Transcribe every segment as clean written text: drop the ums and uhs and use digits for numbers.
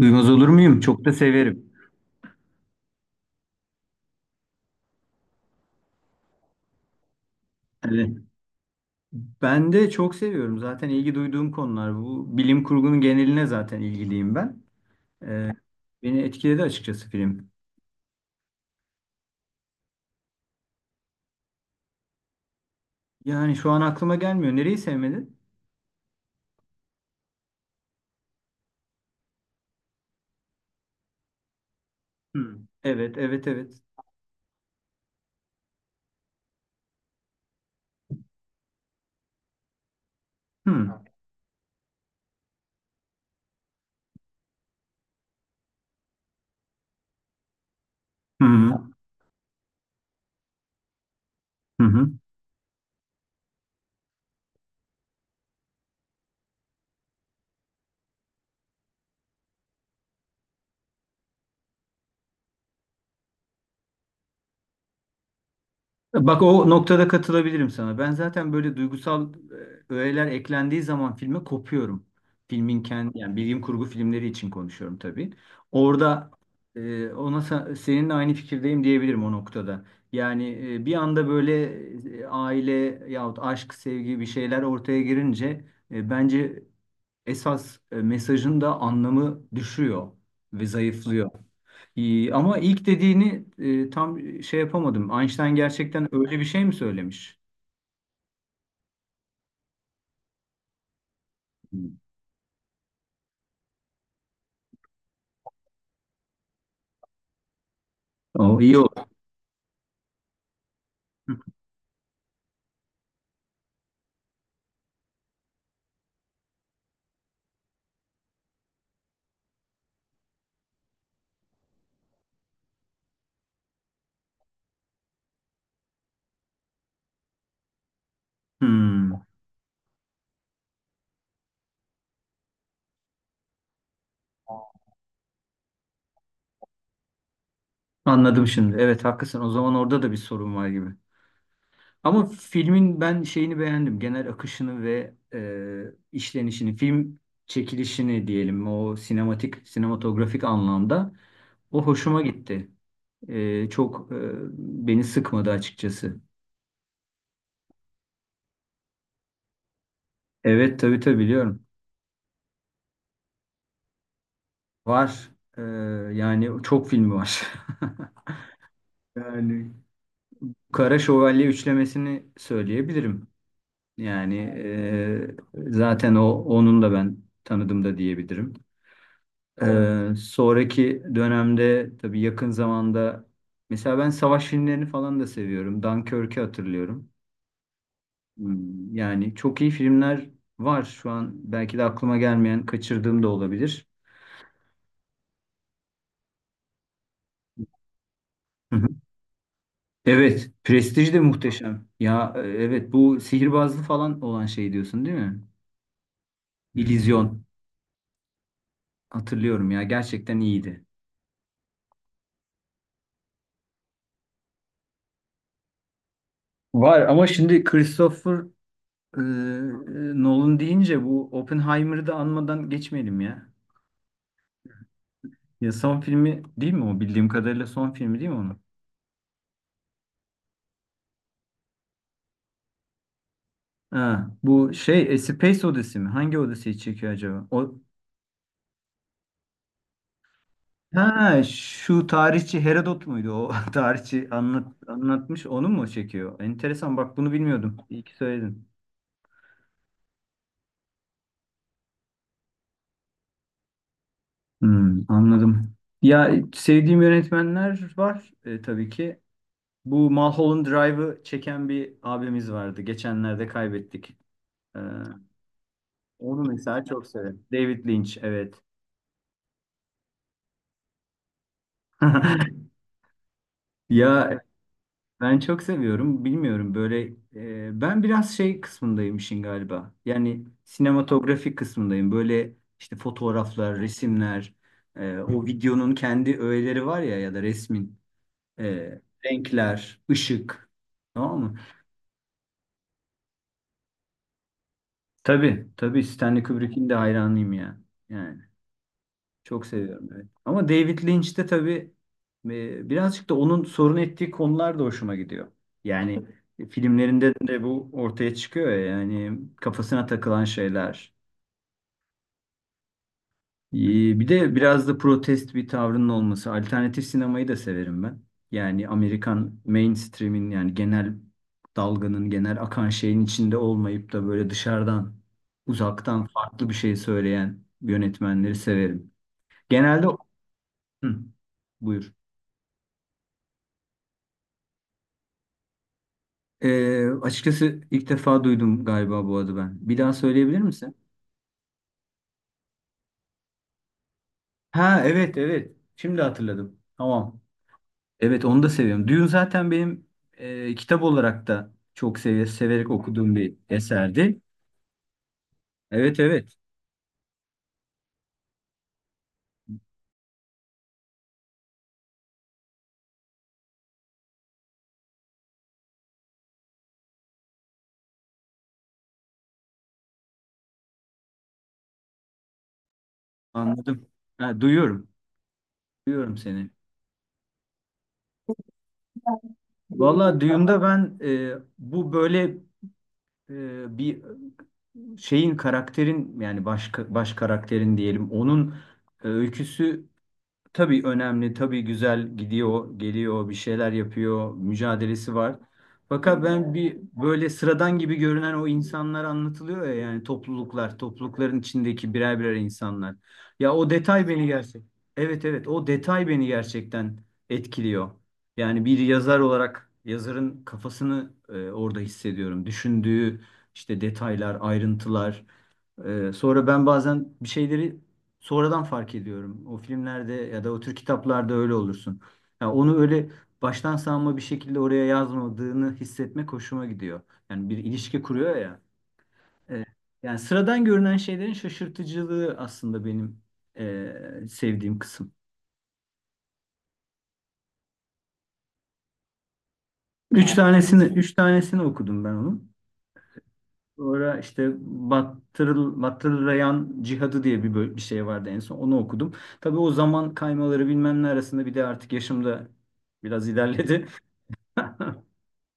Duymaz olur muyum? Çok da severim. Evet. Ben de çok seviyorum. Zaten ilgi duyduğum konular bu. Bilim kurgunun geneline zaten ilgiliyim ben. Ee, beni etkiledi açıkçası film. Yani şu an aklıma gelmiyor. Nereyi sevmedin? Hmm. Evet, evet, evet. Hmm. Hı hı. Hı hı. Bak o noktada katılabilirim sana. Ben zaten böyle duygusal öğeler eklendiği zaman filme kopuyorum. Filmin kendi yani bilim kurgu filmleri için konuşuyorum tabii. Orada ona seninle aynı fikirdeyim diyebilirim o noktada. Yani bir anda böyle aile yahut aşk, sevgi bir şeyler ortaya girince bence esas mesajın da anlamı düşüyor ve zayıflıyor. İyi, ama ilk dediğini tam şey yapamadım. Einstein gerçekten öyle bir şey mi söylemiş? Hmm. O iyi oldu. Hmm, anladım şimdi. Evet haklısın. O zaman orada da bir sorun var gibi. Ama filmin ben şeyini beğendim. Genel akışını ve işlenişini, film çekilişini diyelim. O sinematik, sinematografik anlamda. O hoşuma gitti. Çok beni sıkmadı açıkçası. Evet tabii tabii biliyorum. Var. Ee, yani çok filmi var. Yani Kara Şövalye üçlemesini söyleyebilirim. Yani zaten o onun da ben tanıdım da diyebilirim. Evet. Sonraki dönemde tabii yakın zamanda mesela ben savaş filmlerini falan da seviyorum. Dunkirk'ü hatırlıyorum. Yani çok iyi filmler var şu an belki de aklıma gelmeyen kaçırdığım da olabilir. Evet, prestij de muhteşem. Ya evet bu sihirbazlı falan olan şey diyorsun değil mi? İllüzyon. Hatırlıyorum ya gerçekten iyiydi. Var ama şimdi Christopher e, e, Nolan deyince bu Oppenheimer'ı da anmadan geçmeyelim ya. Ya son filmi değil mi o? Bildiğim kadarıyla son filmi değil mi onun? Ha, bu şey E Space Odyssey mi? Hangi Odyssey'i çekiyor acaba? O. Ha, şu tarihçi Herodot muydu? O tarihçi anlatmış onu mu çekiyor? Enteresan bak bunu bilmiyordum. İyi ki söyledin. Anladım. Ya sevdiğim yönetmenler var tabii ki. Bu Mulholland Drive'ı çeken bir abimiz vardı. Geçenlerde kaybettik. Ee, onu mesela çok severim. David Lynch evet. Ya ben çok seviyorum. Bilmiyorum böyle ben biraz şey kısmındayım işin galiba. Yani sinematografi kısmındayım. Böyle işte fotoğraflar, resimler, o videonun kendi öğeleri var ya ya da resmin renkler, ışık. Tamam mı? Tabii, tabii Stanley Kubrick'in de hayranıyım ya. Yani. Çok seviyorum evet. Ama David Lynch de tabii birazcık da onun sorun ettiği konular da hoşuma gidiyor. Yani filmlerinde de bu ortaya çıkıyor ya, yani kafasına takılan şeyler. E, Bir de biraz da protest bir tavrının olması. Alternatif sinemayı da severim ben. Yani Amerikan mainstream'in yani genel dalganın genel akan şeyin içinde olmayıp da böyle dışarıdan uzaktan farklı bir şey söyleyen yönetmenleri severim. Genelde. Hı, buyur. Açıkçası ilk defa duydum galiba bu adı ben. Bir daha söyleyebilir misin? Ha evet evet. Şimdi hatırladım. Tamam. Evet onu da seviyorum. Dune zaten benim kitap olarak da çok severek okuduğum bir eserdi. Evet evet anladım. Ha, duyuyorum. Duyuyorum seni. Vallahi Dune'da ben bu böyle bir şeyin karakterin yani baş karakterin diyelim onun öyküsü. Tabii önemli, tabii güzel gidiyor, geliyor, bir şeyler yapıyor, mücadelesi var. Fakat ben bir böyle sıradan gibi görünen o insanlar anlatılıyor ya yani topluluklar, toplulukların içindeki birer birer insanlar. Ya o detay beni gerçek. Evet evet o detay beni gerçekten etkiliyor. Yani bir yazar olarak yazarın kafasını orada hissediyorum. Düşündüğü işte detaylar, ayrıntılar. Sonra ben bazen bir şeyleri sonradan fark ediyorum. O filmlerde ya da o tür kitaplarda öyle olursun. Ya onu öyle baştan savma bir şekilde oraya yazmadığını hissetmek hoşuma gidiyor. Yani bir ilişki kuruyor ya. Ee, yani sıradan görünen şeylerin şaşırtıcılığı aslında benim sevdiğim kısım. Üç. Evet, üç tanesini okudum ben onun. Sonra işte Battırlayan Cihadı diye bir şey vardı en son. Onu okudum. Tabii o zaman kaymaları bilmem ne arasında bir de artık yaşım da biraz ilerledi.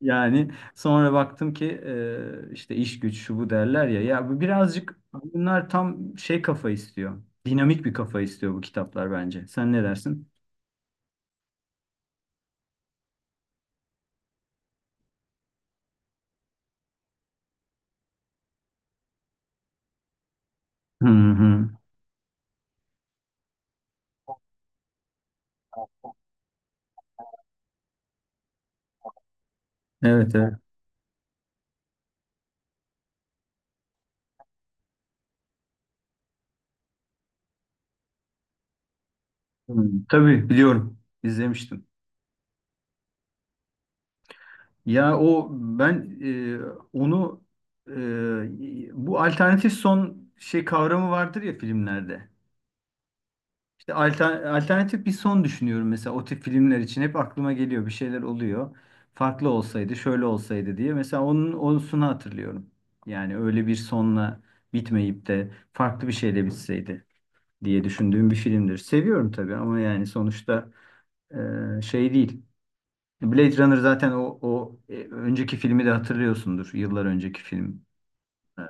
Yani sonra baktım ki işte iş güç şu bu derler ya. Ya bu birazcık bunlar tam şey kafa istiyor. Dinamik bir kafa istiyor bu kitaplar bence. Sen ne dersin? Hı hı. Evet, evet. Hı. Tabii biliyorum. İzlemiştim. Ya o ben onu bu alternatif son şey kavramı vardır ya filmlerde. İşte alternatif bir son düşünüyorum mesela o tip filmler için hep aklıma geliyor bir şeyler oluyor. Farklı olsaydı, şöyle olsaydı diye. Mesela onun onusunu hatırlıyorum. Yani öyle bir sonla bitmeyip de farklı bir şeyle bitseydi diye düşündüğüm bir filmdir. Seviyorum tabii ama yani sonuçta şey değil. Blade Runner zaten o önceki filmi de hatırlıyorsundur. Yıllar önceki film. Ee,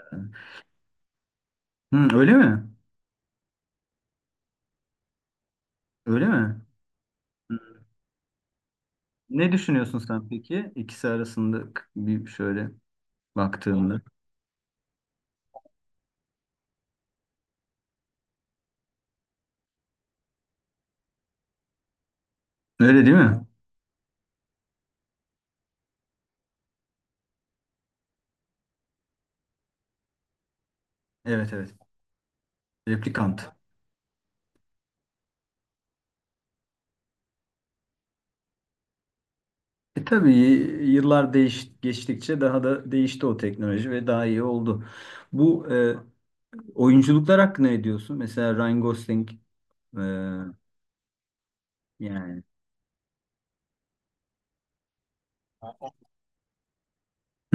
Hı, öyle mi? Öyle mi? Hı. Ne düşünüyorsun sen peki? İkisi arasında bir şöyle baktığında. Öyle değil mi? Evet evet. Replikant. Tabii yıllar geçtikçe daha da değişti o teknoloji ve daha iyi oldu. Bu oyunculuklar hakkında ne diyorsun? Mesela Ryan Gosling e, yani.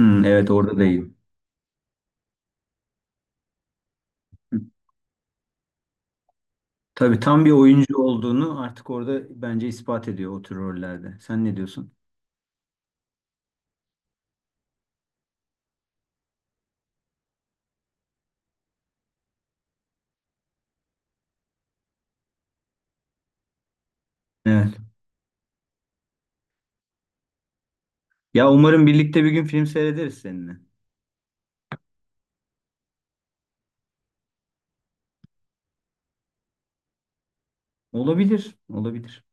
Hı, evet orada değil. Tabii tam bir oyuncu olduğunu artık orada bence ispat ediyor o tür rollerde. Sen ne diyorsun? Evet. Ya umarım birlikte bir gün film seyrederiz seninle. Olabilir, olabilir.